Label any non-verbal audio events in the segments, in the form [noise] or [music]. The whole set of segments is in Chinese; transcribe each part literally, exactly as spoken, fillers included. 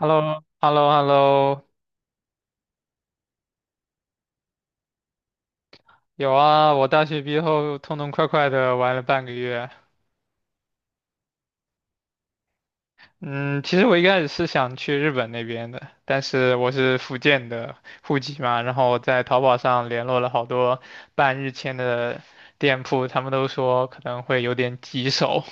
h e l l o h e l l o h e l l o 有啊，我大学毕业后痛痛快快的玩了半个月。嗯，其实我一开始是想去日本那边的，但是我是福建的户籍嘛，然后我在淘宝上联络了好多办日签的店铺，他们都说可能会有点棘手，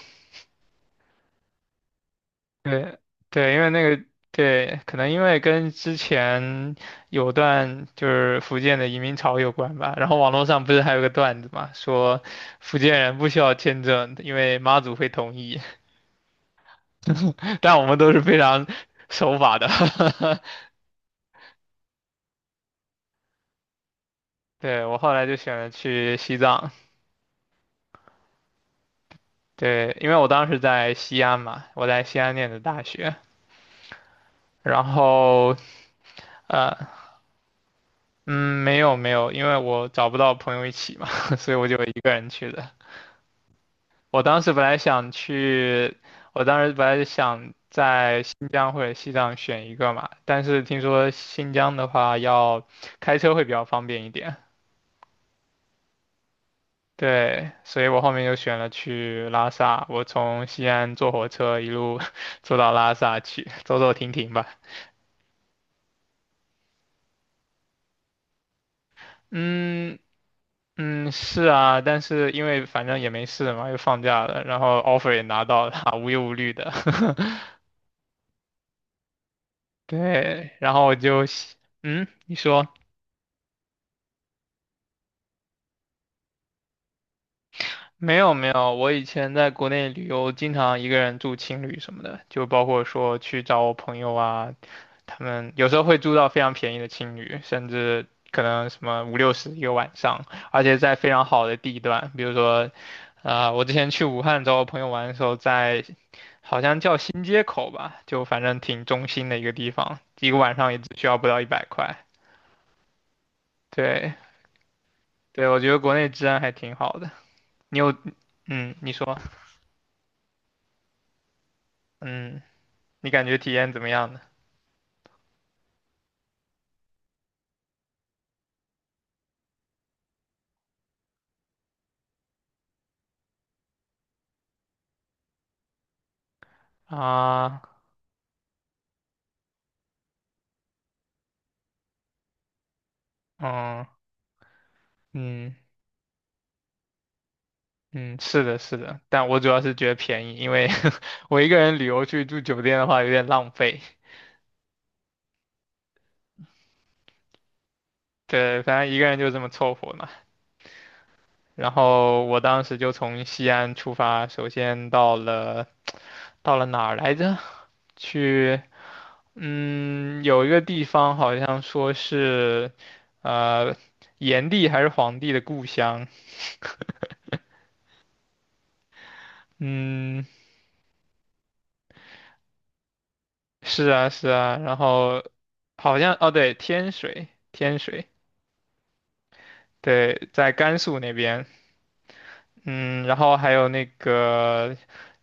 对对，因为那个对，可能因为跟之前有段就是福建的移民潮有关吧。然后网络上不是还有个段子嘛，说福建人不需要签证，因为妈祖会同意。[laughs] 但我们都是非常守法的。[laughs] 对，我后来就选了去西藏，对，因为我当时在西安嘛，我在西安念的大学。然后呃，嗯，没有没有，因为我找不到朋友一起嘛，[laughs] 所以我就一个人去的。我当时本来想去，我当时本来是想在新疆或者西藏选一个嘛，但是听说新疆的话要开车会比较方便一点，对，所以我后面就选了去拉萨，我从西安坐火车一路 [laughs] 坐到拉萨去，走走停停吧。嗯嗯，是啊，但是因为反正也没事嘛，又放假了，然后 offer 也拿到了，无忧无虑的，[laughs] 对，然后我就，嗯，你说。没有没有，我以前在国内旅游，经常一个人住青旅什么的，就包括说去找我朋友啊，他们有时候会住到非常便宜的青旅，甚至可能什么五六十一个晚上，而且在非常好的地段，比如说，啊、我之前去武汉找我朋友玩的时候在，好像叫新街口吧，就反正挺中心的一个地方，一个晚上也只需要不到一百块。对对，我觉得国内治安还挺好的。你有，嗯，你说，嗯。你感觉体验怎么样呢？啊，嗯嗯嗯，是的，是的，但我主要是觉得便宜，因为 [laughs] 我一个人旅游去住酒店的话有点浪费。对，反正一个人就这么凑合嘛。然后我当时就从西安出发，首先到了到了哪儿来着？去，嗯，有一个地方好像说是，呃，炎帝还是黄帝的故乡，嗯。是啊，是啊，然后好像哦，对，天水，天水，对，在甘肃那边，嗯，然后还有那个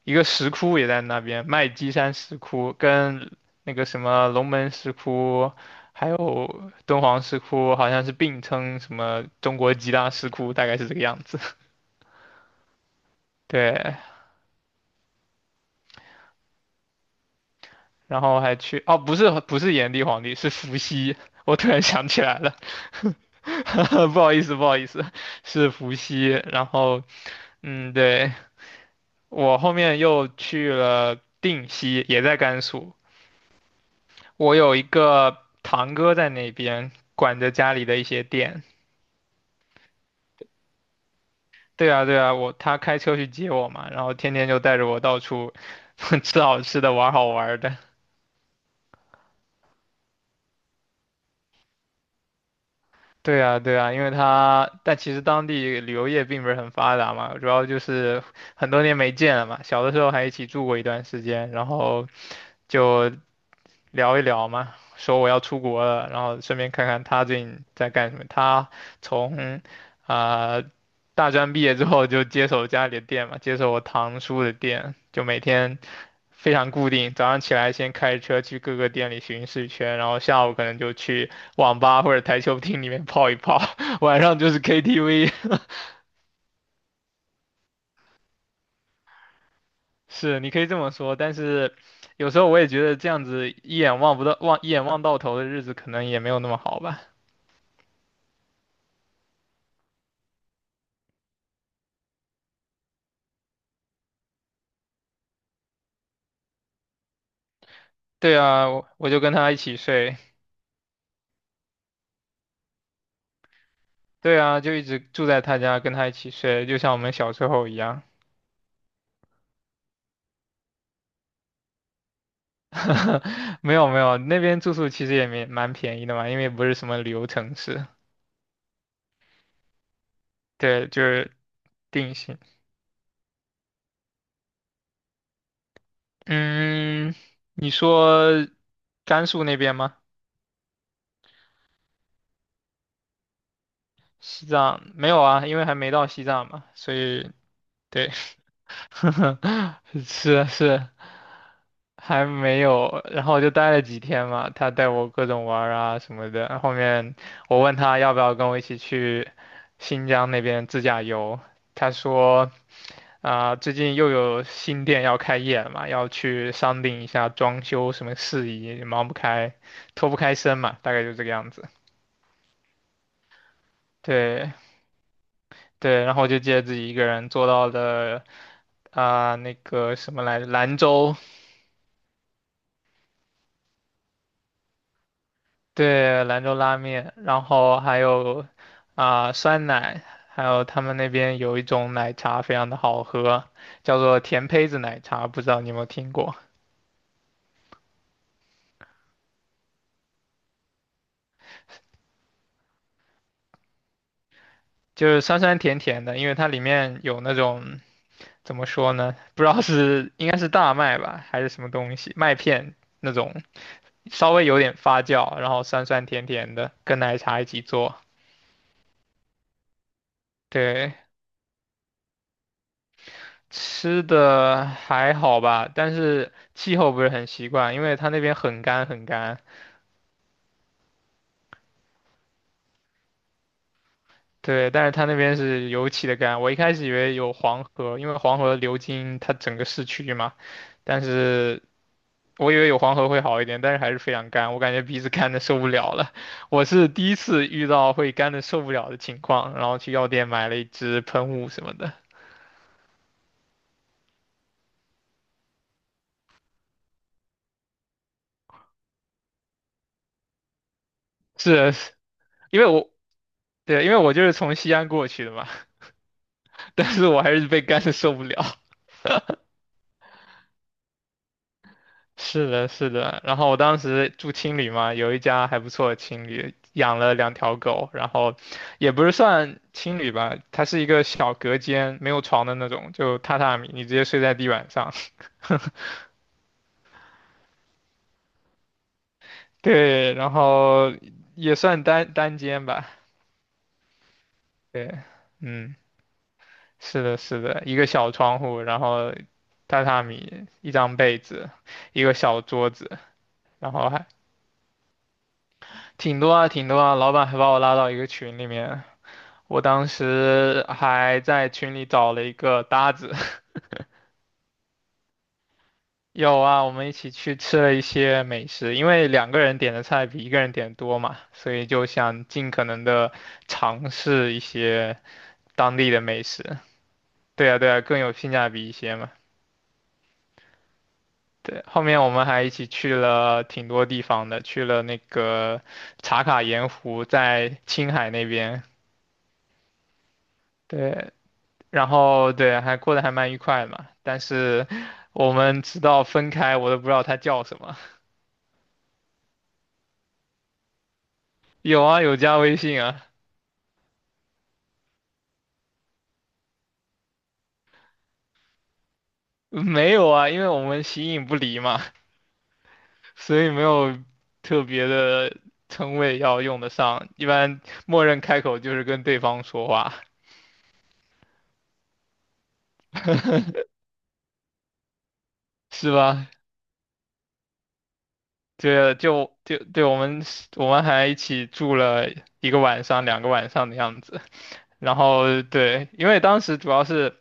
一个石窟也在那边，麦积山石窟跟那个什么龙门石窟，还有敦煌石窟，好像是并称什么中国几大石窟，大概是这个样子。[laughs] 对，然后还去哦，不是不是炎帝皇帝，是伏羲。我突然想起来了，[laughs] 不好意思不好意思，是伏羲。然后嗯，对，我后面又去了定西，也在甘肃。我有一个堂哥在那边管着家里的一些店。对啊对啊，我他开车去接我嘛，然后天天就带着我到处 [laughs] 吃好吃的，玩好玩的。对啊，对啊，因为他，但其实当地旅游业并不是很发达嘛，主要就是很多年没见了嘛。小的时候还一起住过一段时间，然后就聊一聊嘛，说我要出国了，然后顺便看看他最近在干什么。他从啊、呃大专毕业之后就接手家里的店嘛，接手我堂叔的店，就每天非常固定，早上起来先开车去各个店里巡视一圈，然后下午可能就去网吧或者台球厅里面泡一泡，[laughs] 晚上就是 K T V。[laughs] 是，你可以这么说，但是有时候我也觉得这样子一眼望不到望一眼望到头的日子可能也没有那么好吧。对啊，我我就跟他一起睡，对啊，就一直住在他家，跟他一起睡，就像我们小时候一样。[laughs] 没有没有，那边住宿其实也没蛮便宜的嘛，因为不是什么旅游城市，对，就是定性。嗯，你说甘肃那边吗？西藏没有啊，因为还没到西藏嘛，所以对，[laughs] [laughs] 是是，还没有，然后就待了几天嘛，他带我各种玩儿啊什么的。后面我问他要不要跟我一起去新疆那边自驾游，他说啊、最近又有新店要开业了嘛，要去商定一下装修什么事宜，忙不开，脱不开身嘛，大概就这个样子。对对，然后我就借自己一个人坐到了啊、那个什么来着，兰州。对，兰州拉面，然后还有啊、酸奶，还有他们那边有一种奶茶非常的好喝，叫做甜胚子奶茶，不知道你有没有听过？就是酸酸甜甜的，因为它里面有那种怎么说呢？不知道是应该是大麦吧，还是什么东西，麦片那种，稍微有点发酵，然后酸酸甜甜的，跟奶茶一起做。对，吃的还好吧，但是气候不是很习惯，因为它那边很干很干。对，但是他那边是尤其的干，我一开始以为有黄河，因为黄河流经它整个市区嘛，但是我以为有黄河会好一点，但是还是非常干，我感觉鼻子干的受不了了。我是第一次遇到会干的受不了的情况，然后去药店买了一支喷雾什么的，是因为我。对，因为我就是从西安过去的嘛，[laughs] 但是我还是被干的受不了。是的，是的。然后我当时住青旅嘛，有一家还不错的青旅，养了两条狗，然后也不是算青旅吧，它是一个小隔间，没有床的那种，就榻榻米，你直接睡在地板上。[laughs] 对，然后也算单单间吧。对，嗯，是的，是的，一个小窗户，然后榻榻米，一张被子，一个小桌子，然后还挺多啊，挺多啊。老板还把我拉到一个群里面，我当时还在群里找了一个搭子，[laughs] 有啊，我们一起去吃了一些美食，因为两个人点的菜比一个人点多嘛，所以就想尽可能的尝试一些当地的美食。对啊，对啊，更有性价比一些嘛。对，后面我们还一起去了挺多地方的，去了那个茶卡盐湖，在青海那边。对，然后对，还过得还蛮愉快的嘛。但是我们直到分开，我都不知道他叫什么。有啊，有加微信啊，没有啊，因为我们形影不离嘛，所以没有特别的称谓要用得上。一般默认开口就是跟对方说话，是吧？对，就就对，我们我们还一起住了一个晚上、两个晚上的样子。然后对，因为当时主要是。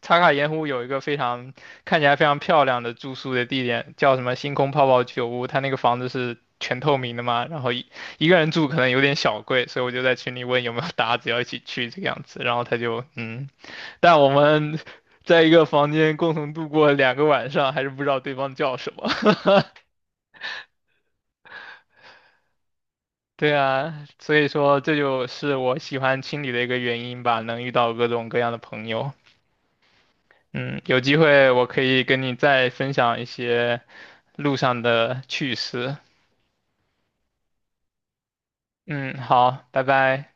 茶卡盐湖有一个非常看起来非常漂亮的住宿的地点，叫什么星空泡泡酒屋。它那个房子是全透明的嘛，然后一一个人住可能有点小贵，所以我就在群里问有没有搭子要一起去这个样子。然后他就嗯，但我们 [laughs] 在一个房间共同度过两个晚上，还是不知道对方叫什么。[laughs] 对啊，所以说这就是我喜欢青旅的一个原因吧，能遇到各种各样的朋友。嗯，有机会我可以跟你再分享一些路上的趣事。嗯，好，拜拜。